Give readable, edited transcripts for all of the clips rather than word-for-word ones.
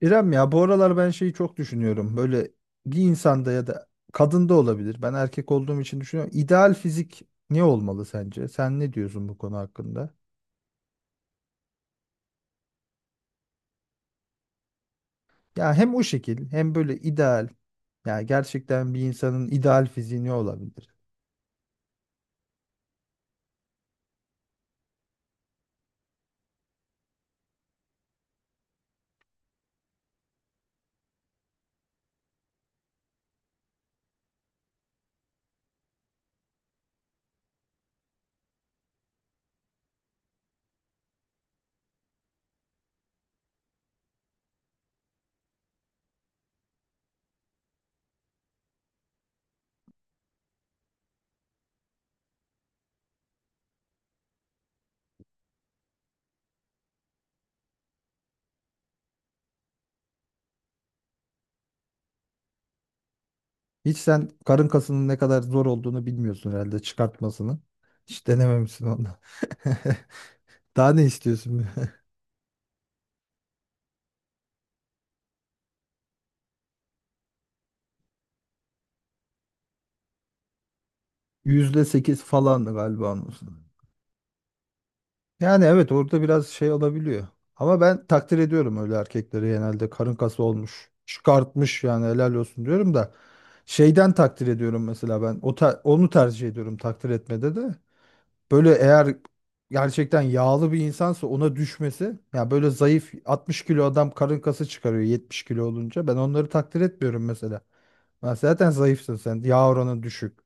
İrem, ya bu aralar ben şeyi çok düşünüyorum. Böyle bir insanda ya da kadında olabilir. Ben erkek olduğum için düşünüyorum. İdeal fizik ne olmalı sence? Sen ne diyorsun bu konu hakkında? Ya hem o şekil hem böyle ideal. Ya gerçekten bir insanın ideal fiziği ne olabilir? Hiç sen karın kasının ne kadar zor olduğunu bilmiyorsun herhalde çıkartmasını. Hiç denememişsin onu. Daha ne istiyorsun? %8 falan galiba onun. Yani evet, orada biraz şey olabiliyor. Ama ben takdir ediyorum öyle erkekleri, genelde karın kası olmuş, çıkartmış, yani helal olsun diyorum da şeyden takdir ediyorum mesela ben onu tercih ediyorum, takdir etmede de. Böyle eğer gerçekten yağlı bir insansa ona düşmesi, ya böyle zayıf 60 kilo adam karın kası çıkarıyor 70 kilo olunca, ben onları takdir etmiyorum mesela. Ben zaten zayıfsın sen, yağ oranın düşük.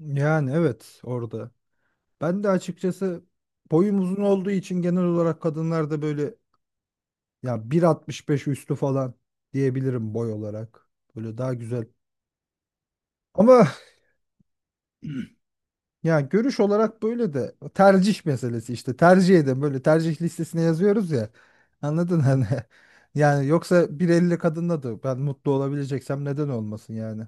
Yani evet, orada. Ben de açıkçası boyum uzun olduğu için genel olarak kadınlarda böyle ya 1.65 üstü falan diyebilirim boy olarak. Böyle daha güzel. Ama ya görüş olarak böyle de tercih meselesi, işte tercih edin, böyle tercih listesine yazıyoruz ya. Anladın hani? Yani yoksa 1.50 kadınla da ben mutlu olabileceksem neden olmasın yani.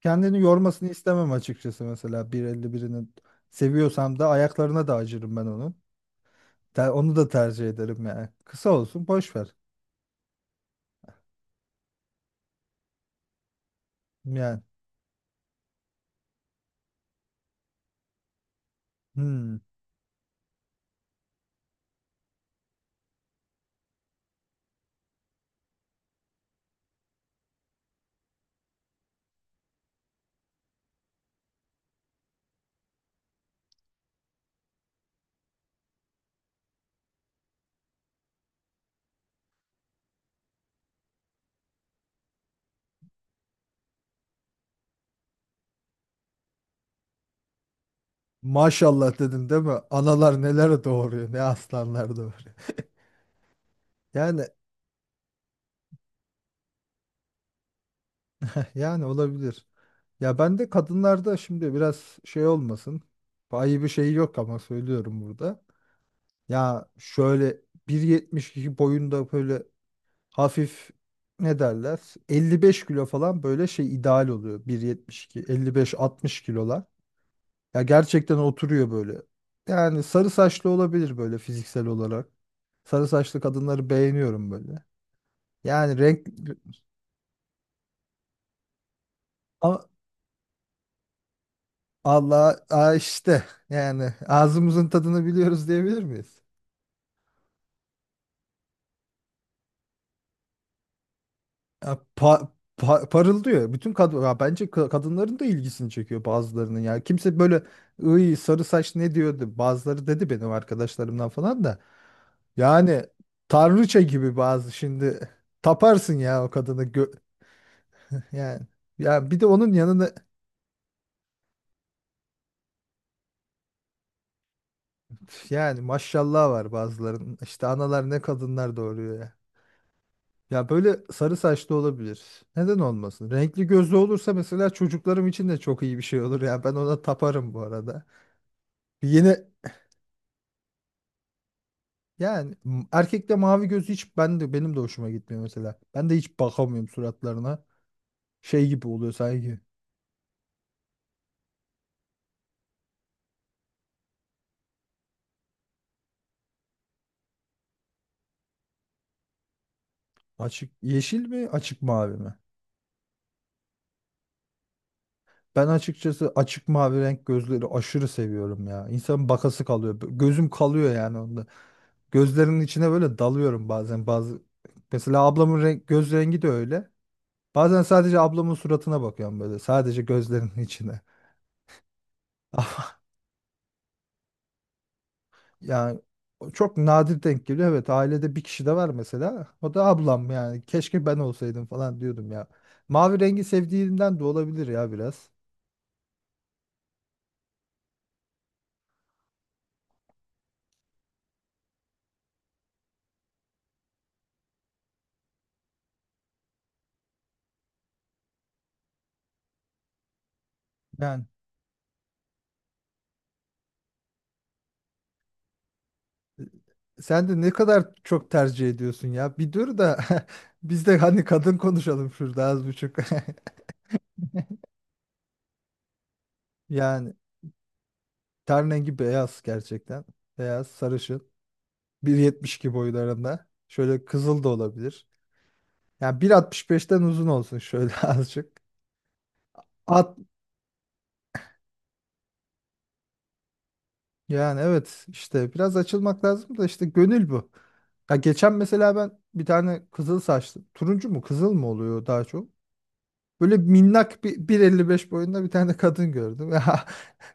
Kendini yormasını istemem açıkçası, mesela 1.50 birinin seviyorsam da ayaklarına da acırım ben onun. Onu da tercih ederim yani. Kısa olsun, boş ver. Yani hmm, maşallah dedim değil mi? Analar neler doğuruyor, ne aslanlar doğuruyor. Yani yani olabilir. Ya ben de kadınlarda şimdi biraz şey olmasın. Ayıbı bir şey yok ama söylüyorum burada. Ya şöyle 1.72 boyunda, böyle hafif, ne derler? 55 kilo falan, böyle şey ideal oluyor. 1.72, 55-60 kilolar. Ya gerçekten oturuyor böyle. Yani sarı saçlı olabilir böyle fiziksel olarak. Sarı saçlı kadınları beğeniyorum böyle. Yani renk, ama Allah, aa, işte yani ağzımızın tadını biliyoruz diyebilir miyiz? Ya parıldıyor. Bütün kadın ya bence kadınların da ilgisini çekiyor bazılarının ya. Kimse böyle ıy sarı saç ne diyordu? Bazıları dedi benim arkadaşlarımdan falan da. Yani tanrıça gibi bazı, şimdi taparsın ya o kadını. Yani ya bir de onun yanında, yani maşallah var bazılarının. İşte analar ne kadınlar doğuruyor ya. Ya böyle sarı saçlı olabilir. Neden olmasın? Renkli gözlü olursa mesela çocuklarım için de çok iyi bir şey olur ya. Ben ona taparım bu arada. Yine yani erkekte mavi gözü hiç ben de, benim de hoşuma gitmiyor mesela. Ben de hiç bakamıyorum suratlarına. Şey gibi oluyor sanki. Açık yeşil mi, açık mavi mi? Ben açıkçası açık mavi renk gözleri aşırı seviyorum ya. İnsanın bakası kalıyor. Gözüm kalıyor yani onda. Gözlerinin içine böyle dalıyorum bazen. Bazı mesela ablamın renk, göz rengi de öyle. Bazen sadece ablamın suratına bakıyorum böyle. Sadece gözlerinin içine. Ama yani o çok nadir denk geliyor. Evet, ailede bir kişi de var mesela. O da ablam yani. Keşke ben olsaydım falan diyordum ya. Mavi rengi sevdiğimden de olabilir ya biraz. Yani sen de ne kadar çok tercih ediyorsun ya. Bir dur da biz de hani kadın konuşalım şurada az buçuk. Yani ten rengi beyaz gerçekten. Beyaz, sarışın. 1.72 boylarında. Şöyle kızıl da olabilir. Yani 1.65'ten uzun olsun şöyle azıcık. At, yani evet işte biraz açılmak lazım da işte gönül bu. Ya geçen mesela ben bir tane kızıl saçlı. Turuncu mu kızıl mı oluyor daha çok? Böyle minnak bir 1.55 boyunda bir tane kadın gördüm. Ya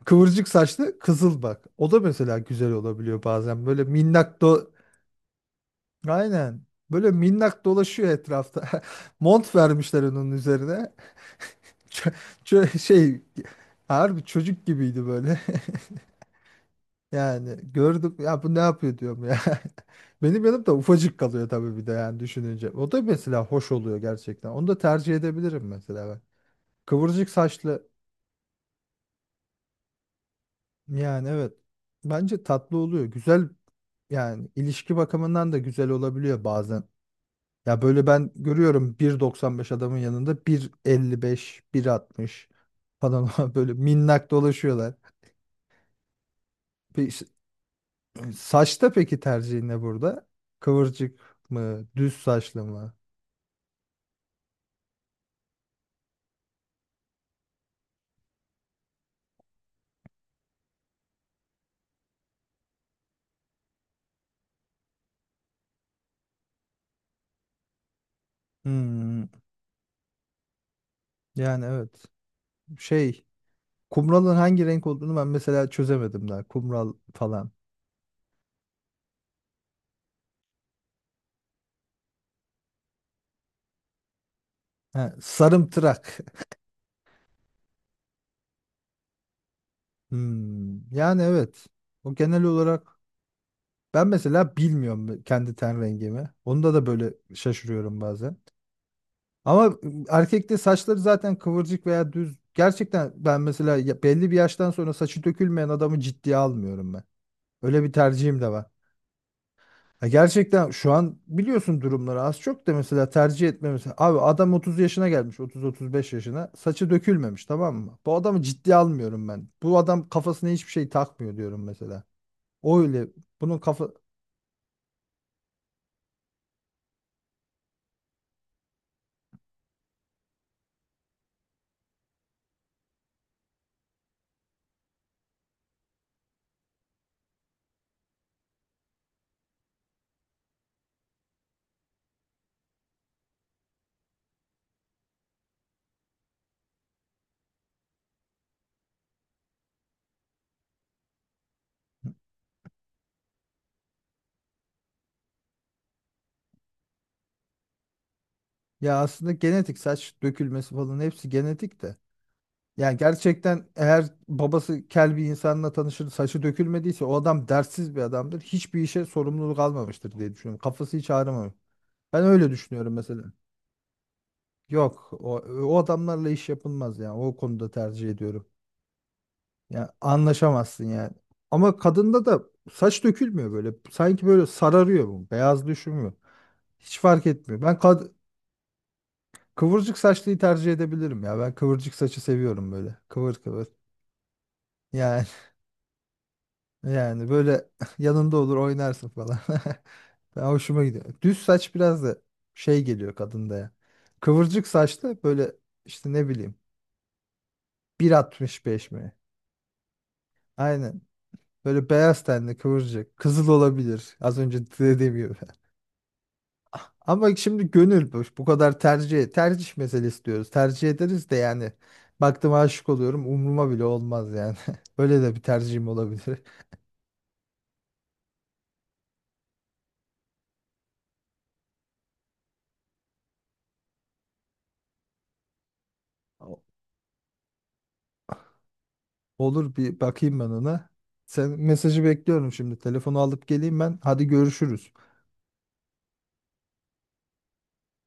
kıvırcık saçlı kızıl, bak. O da mesela güzel olabiliyor bazen. Böyle minnak do, aynen. Böyle minnak dolaşıyor etrafta. Mont vermişler onun üzerine. Ç- şey, harbi çocuk gibiydi böyle. Yani gördüm ya, bu ne yapıyor diyorum ya. Benim yanımda ufacık kalıyor tabii, bir de yani düşününce. O da mesela hoş oluyor gerçekten. Onu da tercih edebilirim mesela ben. Kıvırcık saçlı, yani evet. Bence tatlı oluyor. Güzel, yani ilişki bakımından da güzel olabiliyor bazen. Ya böyle ben görüyorum 1.95 adamın yanında bir elli beş, bir 1.60 falan böyle minnak dolaşıyorlar. Bir, saçta peki tercihin ne burada? Kıvırcık mı, düz saçlı mı? Hmm, yani evet. Şey, kumralın hangi renk olduğunu ben mesela çözemedim daha. Kumral falan. Ha, sarımtırak. Hmm, yani evet. O genel olarak, ben mesela bilmiyorum kendi ten rengimi. Onda da böyle şaşırıyorum bazen. Ama erkekte saçları zaten kıvırcık veya düz. Gerçekten ben mesela belli bir yaştan sonra saçı dökülmeyen adamı ciddiye almıyorum ben. Öyle bir tercihim de var. Ya gerçekten şu an biliyorsun durumları az çok da, mesela tercih etmemiz. Abi adam 30 yaşına gelmiş, 30-35 yaşına. Saçı dökülmemiş, tamam mı? Bu adamı ciddiye almıyorum ben. Bu adam kafasına hiçbir şey takmıyor diyorum mesela. O öyle. Bunun kafa, ya aslında genetik saç dökülmesi falan hepsi genetik de. Yani gerçekten eğer babası kel bir insanla tanışır, saçı dökülmediyse o adam dertsiz bir adamdır. Hiçbir işe sorumluluk almamıştır diye düşünüyorum. Kafası hiç ağrımamış. Ben öyle düşünüyorum mesela. Yok o, o adamlarla iş yapılmaz yani. O konuda tercih ediyorum. Ya anlaşamazsın yani. Ama kadında da saç dökülmüyor böyle. Sanki böyle sararıyor bu. Beyaz düşmüyor. Hiç fark etmiyor. Ben kad Kıvırcık saçlıyı tercih edebilirim ya. Ben kıvırcık saçı seviyorum böyle. Kıvır kıvır. Yani yani böyle yanında olur oynarsın falan. Ben, hoşuma gidiyor. Düz saç biraz da şey geliyor kadında ya. Kıvırcık saçlı böyle, işte ne bileyim, bir altmış beş mi? Aynen. Böyle beyaz tenli kıvırcık. Kızıl olabilir. Az önce dediğim gibi. Ama şimdi gönül bu, bu kadar tercih, tercih meselesi diyoruz. Tercih ederiz de yani, baktım aşık oluyorum umruma bile olmaz yani. Öyle de bir tercihim olabilir. O- Olur, bir bakayım ben ona. Sen, mesajı bekliyorum şimdi. Telefonu alıp geleyim ben. Hadi görüşürüz.